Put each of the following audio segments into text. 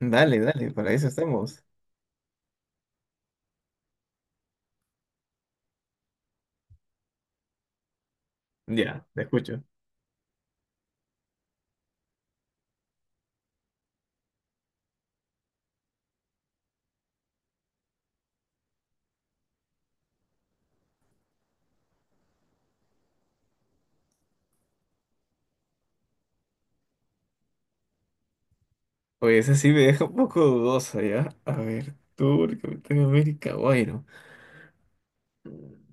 Dale, dale, para eso estamos. Ya, te escucho. Oye, esa sí me deja un poco dudosa, ¿ya? A ver, tú, el Capitán América o Iron.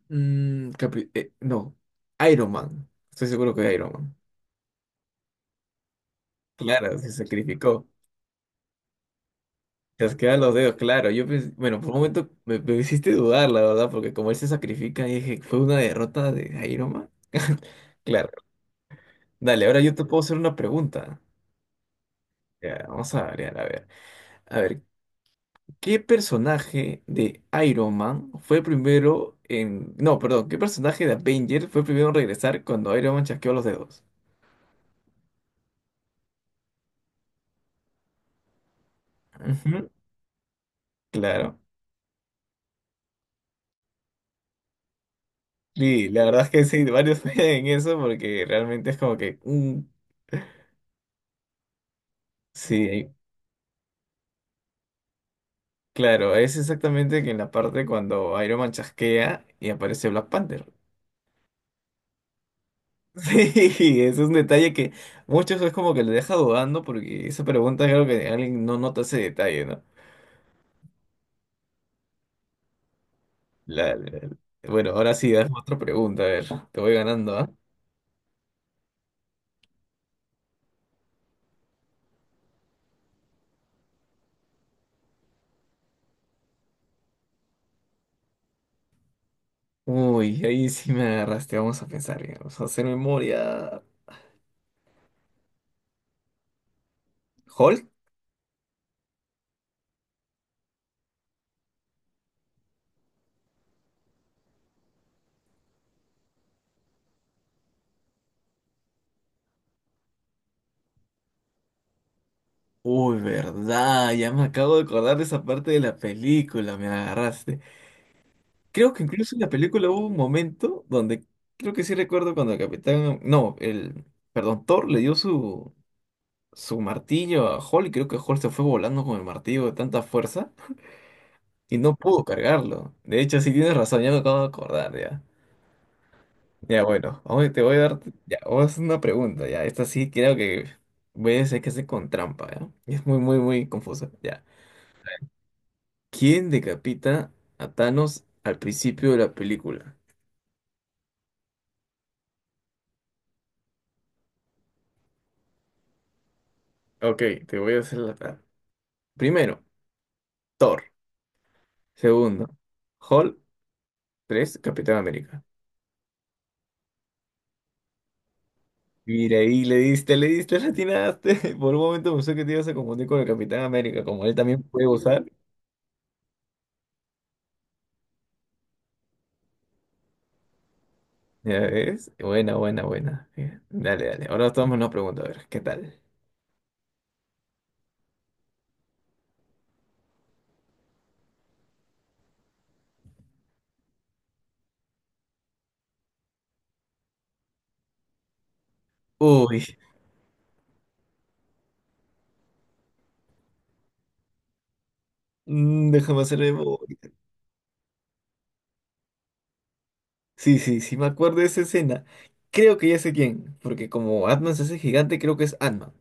Mm, capi- no, Iron Man. Estoy seguro que Iron Man. Claro, se sacrificó. Te quedan los dedos, claro. Bueno, por un momento me hiciste dudar, la verdad, porque como él se sacrifica, dije, ¿fue una derrota de Iron Man? Claro. Dale, ahora yo te puedo hacer una pregunta. Ya, vamos a variar, a ver. A ver, ¿qué personaje de Iron Man fue primero en... No, perdón, ¿qué personaje de Avenger fue primero en regresar cuando Iron Man chasqueó los dedos? Ujú, claro. Sí, la verdad es que sí, varios en eso porque realmente es como que... sí, claro, es exactamente que en la parte cuando Iron Man chasquea y aparece Black Panther. Sí, es un detalle que muchos es como que le deja dudando porque esa pregunta creo que alguien no nota ese detalle, ¿no? La- la- Bueno, ahora sí, dame otra pregunta, a ver, te voy ganando, ¿ah? Uy, ahí sí me agarraste, vamos a pensar, ya, vamos a hacer memoria. ¿Hulk? Uy, verdad, ya me acabo de acordar de esa parte de la película, me agarraste. Creo que incluso en la película hubo un momento donde, creo que sí recuerdo cuando el capitán, no, el, perdón, Thor le dio su martillo a Hulk y creo que Hulk se fue volando con el martillo de tanta fuerza y no pudo cargarlo. De hecho, sí tienes razón, ya me acabo de acordar, ya. Ya, bueno, ahora te voy a dar, ya, vamos a hacer una pregunta, ya, esta sí creo que voy a decir que hace con trampa, ¿ya? Es muy, muy, muy confusa, ya. ¿Quién decapita a Thanos al principio de la película? Ok, te voy a hacer Primero, Thor. Segundo, Hulk. Tres, Capitán América. Mira, ahí le diste, le diste, le atinaste. Por un momento pensé que te ibas a confundir con el Capitán América, como él también puede usar. Ya ves, buena, buena, buena. Bien, dale, dale, ahora tomamos una pregunta, a ver, ¿qué tal? Uy, déjame hacer memoria. Sí, sí, sí, me acuerdo de esa escena. Creo que ya sé quién, porque como Atman se hace gigante, creo que es Atman.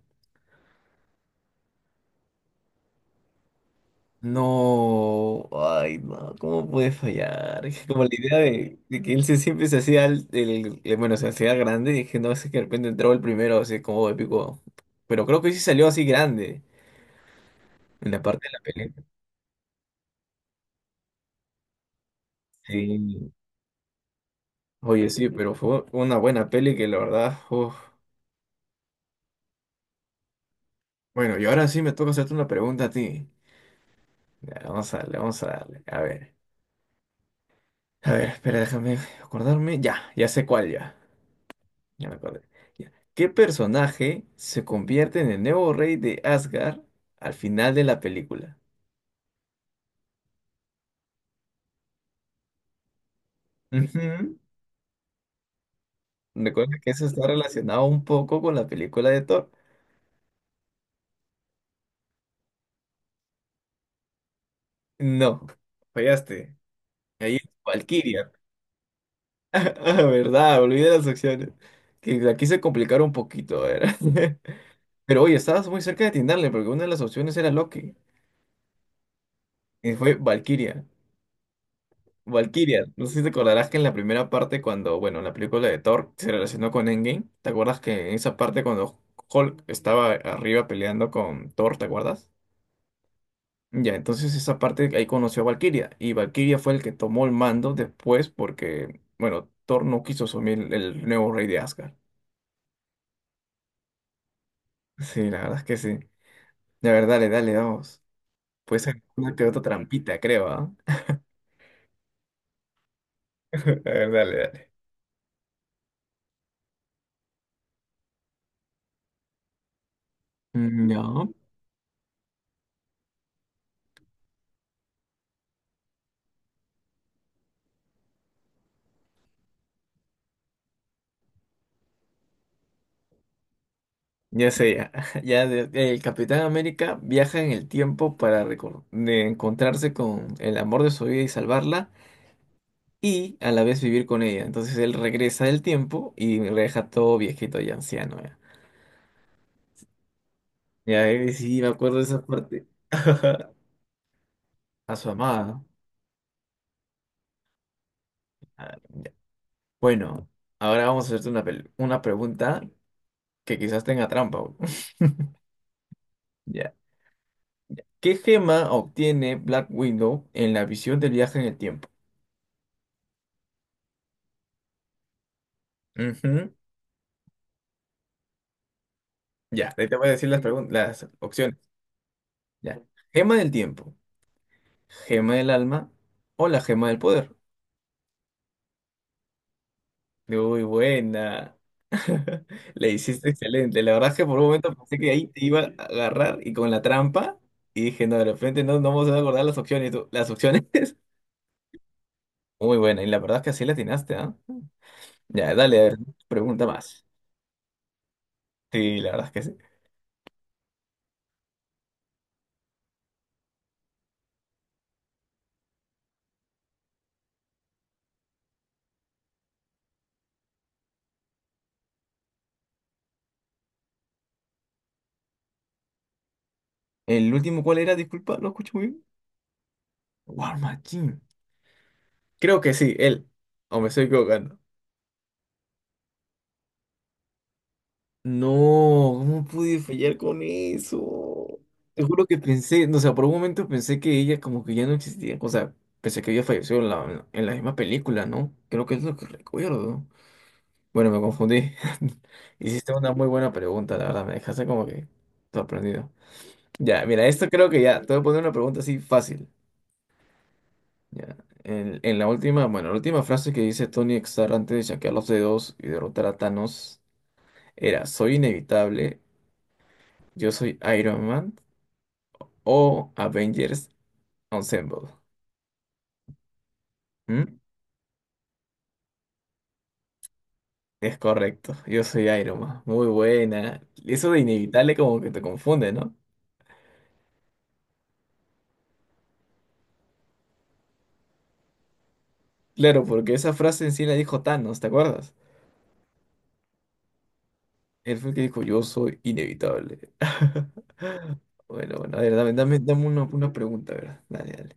No, ay, no, ¿cómo puede fallar? Es que como la idea de que él se, siempre se hacía, bueno, se hacía grande, y dije, no, es que de repente entraba el primero, así como épico. Pero creo que sí salió así grande en la parte de la pelea. Sí, oye, sí, pero fue una buena peli que la verdad, uf. Bueno, y ahora sí me toca hacerte una pregunta a ti. Ya, vamos a darle, vamos a darle. A ver, espera, déjame acordarme. Ya, ya sé cuál ya. Ya me acordé. Ya. ¿Qué personaje se convierte en el nuevo rey de Asgard al final de la película? Ujú. Recuerda que eso está relacionado un poco con la película de Thor. No, fallaste. Ahí es Valkyria. Ah, verdad, olvidé las opciones. Que la quise complicar un poquito, a ver. Pero oye, estabas muy cerca de atinarle porque una de las opciones era Loki. Y fue Valkyria. Valkyria, no sé si te acordarás que en la primera parte, cuando, bueno, en la película de Thor se relacionó con Endgame, ¿te acuerdas que en esa parte cuando Hulk estaba arriba peleando con Thor, ¿te acuerdas? Ya, entonces esa parte ahí conoció a Valkyria y Valkyria fue el que tomó el mando después porque, bueno, Thor no quiso asumir el nuevo rey de Asgard. Sí, la verdad es que sí. La verdad, dale, dale, vamos. Puede ser una que otra trampita, creo, ¿ah? A ver, dale, dale. Mm, ya. Ya sé, ya, el Capitán América viaja en el tiempo para recor- de encontrarse con el amor de su vida y salvarla y a la vez vivir con ella. Entonces él regresa del tiempo y lo deja todo viejito y anciano. Ya, ya, sí, me acuerdo de esa parte. A su amada. Ah, ya. Bueno, ahora vamos a hacerte una pregunta que quizás tenga trampa, güey. Ya. ¿Qué gema obtiene Black Widow en la visión del viaje en el tiempo? Ya, ahí te voy a decir las opciones. Ya. Gema del tiempo, gema del alma o la gema del poder. Muy buena. Le hiciste excelente. La verdad es que por un momento pensé que ahí te iba a agarrar y con la trampa. Y dije, no, de repente no, no vamos a acordar las opciones. Y tú, las opciones. Muy buena. Y la verdad es que así la atinaste, ¿ah? Ya, dale, a ver, pregunta más. Sí, la verdad es que sí. ¿El último cuál era? Disculpa, no escucho muy bien. War Machine. Creo que sí, él. O me estoy equivocando. No, ¿cómo pude fallar con eso? Te juro que pensé, no, o sea, por un momento pensé que ella como que ya no existía, o sea, pensé que había fallecido en en la misma película, ¿no? Creo que es lo que recuerdo. Bueno, me confundí. Hiciste una muy buena pregunta, la verdad, me dejaste como que sorprendido. Ya, mira, esto creo que ya, te voy a poner una pregunta así fácil. Ya, en la última, bueno, la última frase que dice Tony Stark antes de chasquear los dedos y derrotar a Thanos era, soy inevitable, yo soy Iron Man, o Avengers Ensemble. ¿Mm? Es correcto, yo soy Iron Man. Muy buena. Eso de inevitable como que te confunde, ¿no? Claro, porque esa frase en sí la dijo Thanos, ¿te acuerdas? Él fue el que dijo, yo soy inevitable. Bueno, bueno, a ver, dame, dame, dame una pregunta, a ver. Dale, dale.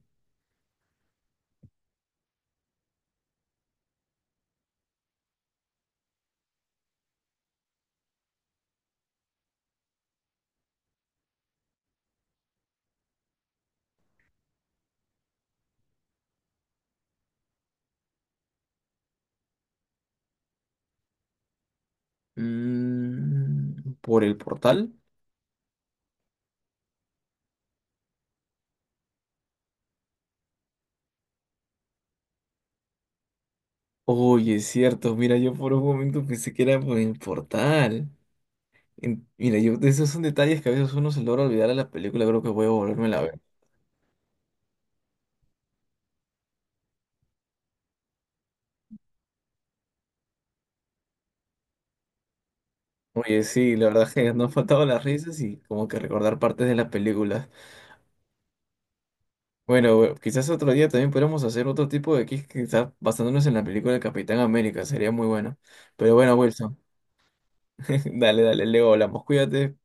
Mm, ¿por el portal? Oye, es cierto, mira, yo por un momento pensé que era por el portal. Mira, yo, esos son detalles que a veces uno se logra olvidar a la película, creo que voy a volverme a ver. Oye, sí, la verdad que nos han faltado las risas y como que recordar partes de las películas. Bueno, bueno, quizás otro día también podríamos hacer otro tipo de quiz, quizás basándonos en la película de Capitán América, sería muy bueno. Pero bueno, Wilson, dale, dale, luego hablamos, cuídate.